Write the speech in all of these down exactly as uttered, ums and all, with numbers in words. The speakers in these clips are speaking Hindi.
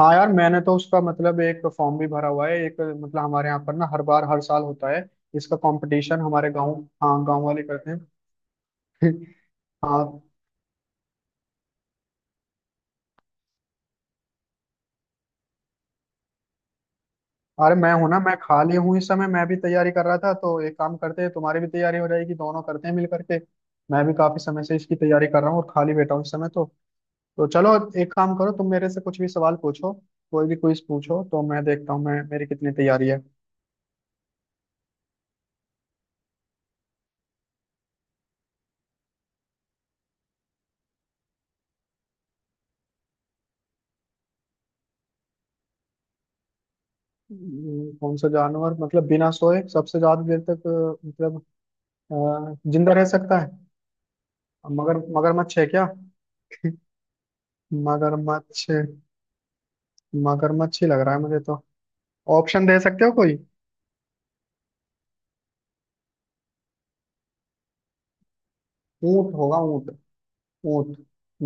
हाँ यार, मैंने तो उसका मतलब एक फॉर्म भी भरा हुआ है। एक मतलब हमारे यहाँ पर ना हर बार हर साल होता है इसका कंपटीशन हमारे गांव। हाँ, गांव वाले करते हैं। हाँ। अरे मैं हूं ना, मैं खाली हूँ इस समय, मैं भी तैयारी कर रहा था। तो एक काम करते हैं, तुम्हारी भी तैयारी हो जाएगी, दोनों करते हैं मिल करके। मैं भी काफी समय से इसकी तैयारी कर रहा हूँ और खाली बैठा हूँ इस समय तो। तो चलो, एक काम करो, तुम मेरे से कुछ भी सवाल पूछो। कोई भी क्विज पूछो तो मैं देखता हूँ मैं मेरी कितनी तैयारी है। हम्म, कौन सा जानवर मतलब बिना सोए सबसे ज्यादा देर तक अ, मतलब अ, जिंदा रह सकता है। मगर मगरमच्छ है क्या। मगरमच्छ, मगरमच्छ ही लग रहा है मुझे तो। ऑप्शन दे सकते हो कोई। ऊंट होगा, ऊंट। ऊंट।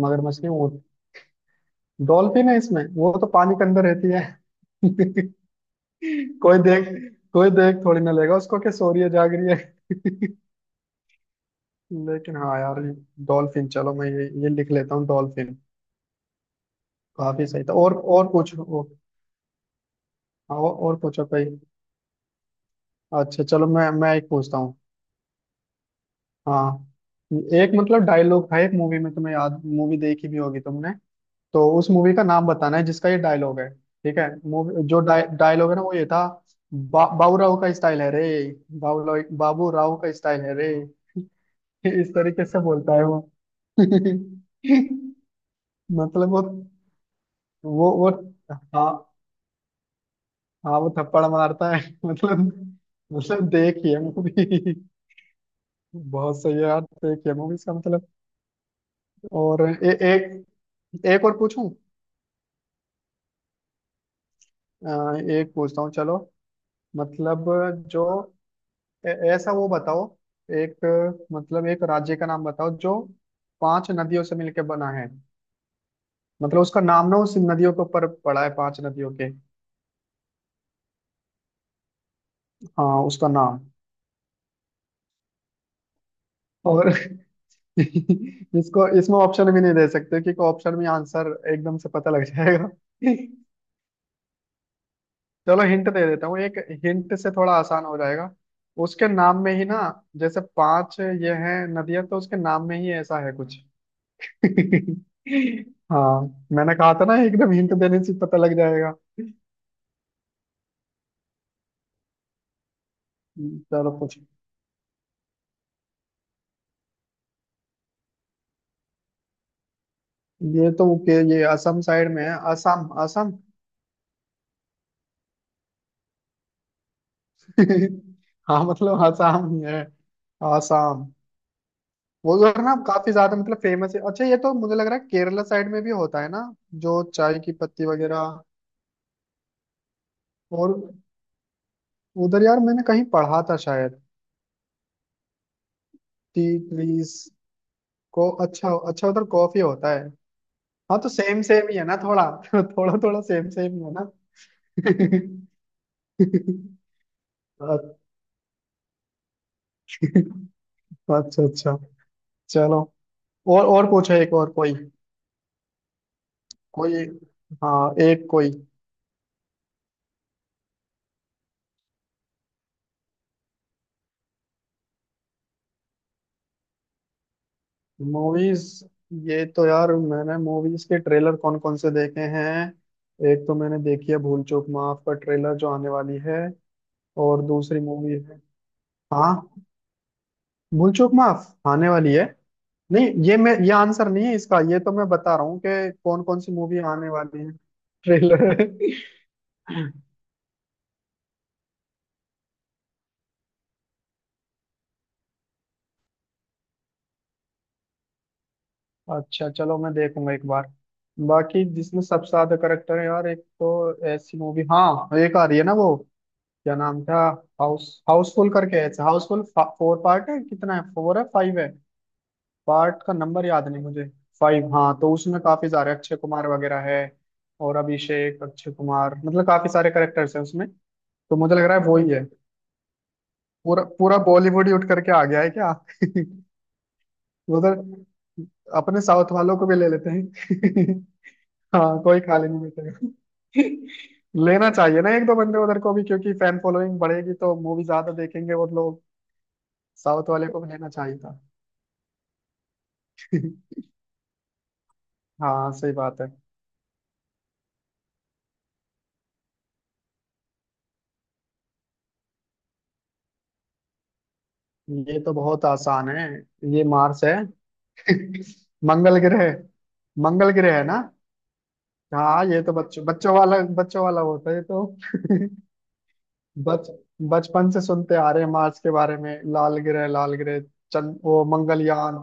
मगरमच्छ नहीं, ऊंट। डॉल्फिन है इसमें? वो तो पानी के अंदर रहती है। कोई देख, कोई देख थोड़ी ना लेगा उसको कि सो रही है जाग रही है। लेकिन हाँ यार, डॉल्फिन। चलो मैं ये ये लिख लेता हूँ, डॉल्फिन। काफी सही था। और और पूछो और, और पूछो कोई। अच्छा चलो, मैं मैं एक पूछता हूँ। हाँ, एक मतलब डायलॉग था एक मूवी में, तुम्हें याद मूवी देखी भी होगी तुमने। तो उस मूवी का नाम बताना है जिसका ये डायलॉग है। ठीक है, मूवी जो डाय, डायलॉग है ना वो ये था। बा, बाबू राव का स्टाइल है रे। बाबू राव, बाबू राव का स्टाइल है रे। इस तरीके से बोलता है वो। मतलब वो। वो वो हाँ। हाँ, वो थप्पड़ मारता है। मतलब, मतलब देखिए मूवी। बहुत सही है यार, देखिए मूवी इसका मतलब। और ए, एक, एक और पूछूं? अ, एक पूछता हूँ चलो। मतलब जो ए- ऐसा वो बताओ, एक मतलब एक राज्य का नाम बताओ जो पांच नदियों से मिलकर बना है। मतलब उसका नाम ना उस नदियों के ऊपर पड़ा है, पांच नदियों के। हाँ उसका नाम। और इसको इसमें ऑप्शन भी नहीं दे सकते क्योंकि ऑप्शन में आंसर एकदम से पता लग जाएगा। चलो हिंट दे देता हूँ एक। हिंट से थोड़ा आसान हो जाएगा। उसके नाम में ही ना, जैसे पांच ये हैं नदियां, तो उसके नाम में ही ऐसा है कुछ। हाँ, मैंने कहा था ना एकदम हिंट देने से पता लग जाएगा। चलो पूछ। ये तो के ये असम साइड में है, असम। असम। हाँ, मतलब असम ही है। असम। वो उधर ना काफी ज्यादा मतलब फेमस है। अच्छा ये तो मुझे लग रहा है केरला साइड में भी होता है ना, जो चाय की पत्ती वगैरह। और उधर यार मैंने कहीं पढ़ा था शायद। Tea please. को अच्छा अच्छा, उधर कॉफी होता है। हाँ तो सेम सेम ही है ना थोड़ा। थोड़ा थोड़ा सेम सेम ही है ना। अच्छा अच्छा अच्छा। चलो। और और पूछो एक और कोई, कोई। हाँ, एक कोई। मूवीज? ये तो यार, मैंने मूवीज के ट्रेलर कौन कौन से देखे हैं। एक तो मैंने देखी है भूल चूक माफ का ट्रेलर जो आने वाली है। और दूसरी मूवी है। हाँ, भूलचूक माफ आने वाली है। नहीं ये मैं ये आंसर नहीं है इसका, ये तो मैं बता रहा हूँ कि कौन कौन सी मूवी आने वाली है, ट्रेलर। अच्छा चलो मैं देखूंगा एक बार। बाकी जिसमें सबसे ज्यादा करेक्टर है यार, एक तो ऐसी मूवी हाँ एक आ रही है ना वो, क्या नाम था। हाउस हाउसफुल करके है, हाउसफुल फोर। पार्ट है कितना है, फोर है फाइव है? पार्ट का नंबर याद नहीं मुझे। फाइव, हाँ तो उसमें काफी सारे अक्षय कुमार वगैरह है। और अभिषेक, अक्षय कुमार, मतलब काफी सारे करेक्टर्स हैं उसमें। तो मुझे लग रहा है वो ही है। पूरा पूरा बॉलीवुड ही उठ करके आ गया है क्या। उधर अपने साउथ वालों को भी ले लेते हैं। हाँ, कोई खाली नहीं बैठेगा। लेना चाहिए ना एक दो बंदे उधर को भी, क्योंकि फैन फॉलोइंग बढ़ेगी तो मूवी ज्यादा देखेंगे और लोग। साउथ वाले को भी लेना चाहिए था। हाँ सही बात है। ये तो बहुत आसान है, ये मार्स है। मंगल ग्रह। मंगल ग्रह है ना। हाँ, ये तो बच्चों बच्चों वाला, बच्चों वाला होता है ये तो। बच बचपन से सुनते आ रहे हैं मार्स के बारे में, लाल ग्रह, लाल ग्रह। चंद, वो मंगलयान।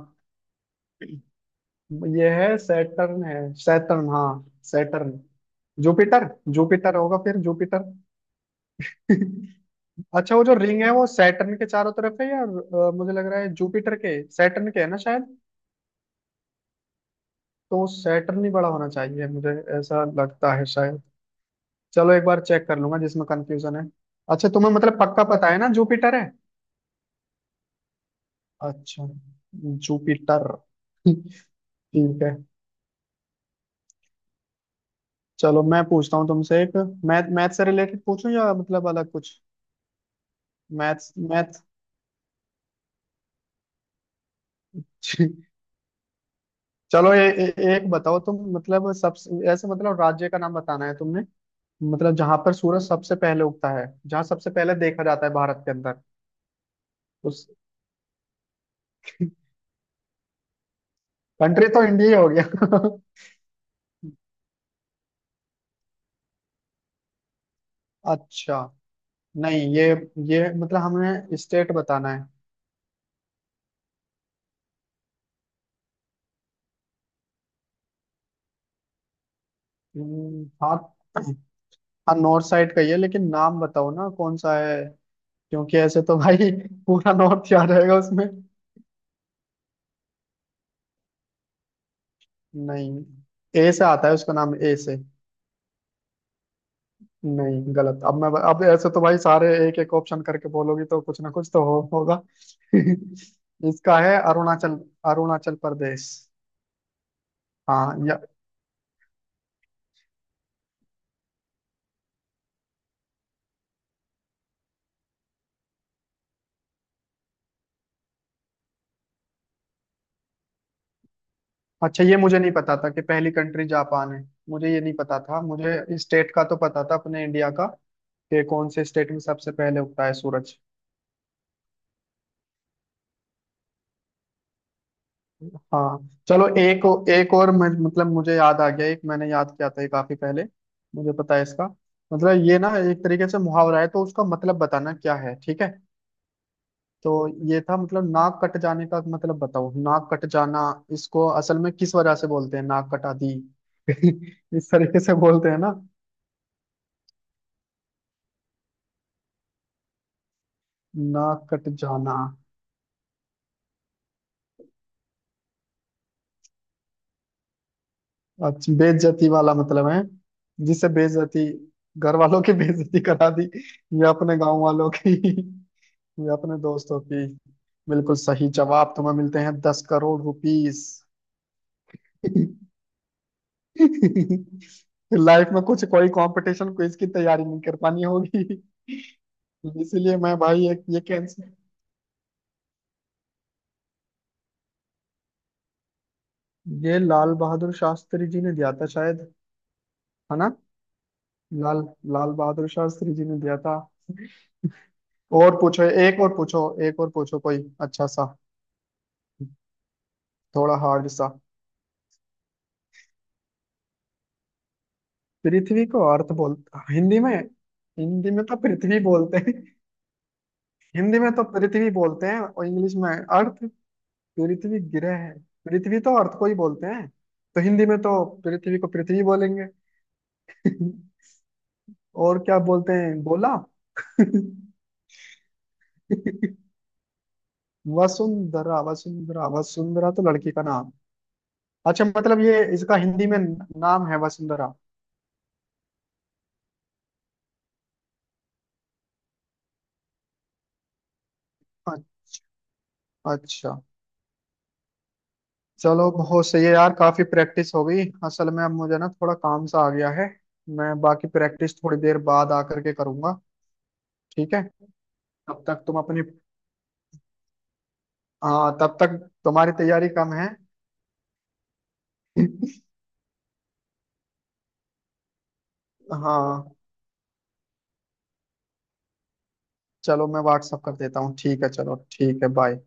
ये है, सैटर्न है। सैटर्न, हाँ। सैटर्न। जुपिटर। जुपिटर होगा फिर, जुपिटर। अच्छा वो जो रिंग है वो सैटर्न के चारों तरफ है या अ, मुझे लग रहा है जुपिटर के, सैटर्न के है ना शायद। तो सैटर्न ही बड़ा होना चाहिए मुझे ऐसा लगता है शायद। चलो एक बार चेक कर लूंगा जिसमें कंफ्यूजन है। अच्छा तुम्हें मतलब पक्का पता है ना जुपिटर है? अच्छा, जुपिटर। ठीक है। चलो मैं पूछता हूँ तुमसे एक। मैथ, मैथ से रिलेटेड पूछूं या मतलब अलग कुछ? Math math. चलो ए, ए, एक बताओ तुम, मतलब सबसे ऐसे मतलब राज्य का नाम बताना है तुमने, मतलब जहां पर सूरज सबसे पहले उगता है, जहां सबसे पहले देखा जाता है भारत के अंदर। उस। कंट्री तो इंडिया ही हो गया। अच्छा नहीं ये ये मतलब हमें स्टेट बताना है। हम्म, हाँ। हाँ नॉर्थ साइड का ही है, लेकिन नाम बताओ ना कौन सा है। क्योंकि ऐसे तो भाई पूरा नॉर्थ याद रहेगा उसमें। नहीं। ए से आता है उसका नाम, ए से। नहीं गलत। अब मैं, अब ऐसे तो भाई सारे एक एक ऑप्शन करके बोलोगी तो कुछ ना कुछ तो हो, होगा। इसका है अरुणाचल, अरुणाचल प्रदेश। हाँ या। अच्छा ये मुझे नहीं पता था कि पहली कंट्री जापान है। मुझे ये नहीं पता था, मुझे स्टेट का तो पता था अपने इंडिया का, कि कौन से स्टेट में सबसे पहले उगता है सूरज। हाँ। चलो एक, एक और मैं, मतलब मुझे याद आ गया, एक मैंने याद किया था ये काफी पहले। मुझे पता है इसका मतलब। ये ना एक तरीके से मुहावरा है, तो उसका मतलब बताना क्या है, ठीक है। तो ये था मतलब, नाक कट जाने का मतलब बताओ, नाक कट जाना। इसको असल में किस वजह से बोलते हैं, नाक कटा दी। इस तरीके से बोलते हैं ना। नाक कट जाना। अच्छा बेइज्जती वाला मतलब है। जिससे बेइज्जती, घर वालों की बेइज्जती करा दी। या अपने गांव वालों की ये अपने दोस्तों की। बिल्कुल सही जवाब, तुम्हें मिलते हैं दस करोड़ रुपीस। लाइफ में कुछ कोई कंपटीशन क्विज की तैयारी नहीं कर पानी होगी। इसीलिए मैं भाई, एक ये कैंसर। ये लाल बहादुर शास्त्री जी ने दिया था शायद। है ना। लाल, लाल बहादुर शास्त्री जी ने दिया था। और पूछो, एक और पूछो। एक और पूछो कोई अच्छा सा, थोड़ा हार्ड सा। पृथ्वी को अर्थ बोल, हिंदी में। हिंदी में तो पृथ्वी बोलते हैं। हिंदी में तो पृथ्वी बोलते हैं और इंग्लिश में अर्थ। पृथ्वी ग्रह है, पृथ्वी तो अर्थ को ही बोलते हैं। तो हिंदी में तो पृथ्वी को पृथ्वी बोलेंगे। और क्या बोलते हैं बोला। वसुंधरा, वसुंधरा। वसुंधरा तो लड़की का नाम। अच्छा मतलब ये इसका हिंदी में नाम है वसुंधरा। अ- अच्छा। चलो बहुत सही है यार, काफी प्रैक्टिस हो गई, असल में अब मुझे ना थोड़ा काम सा आ गया है। मैं बाकी प्रैक्टिस थोड़ी देर बाद आकर के करूंगा। ठीक है। तब तक तुम अपनी, हाँ तब तक तुम्हारी तैयारी कम है। हाँ। चलो मैं व्हाट्सअप कर देता हूँ, ठीक है चलो, ठीक है बाय।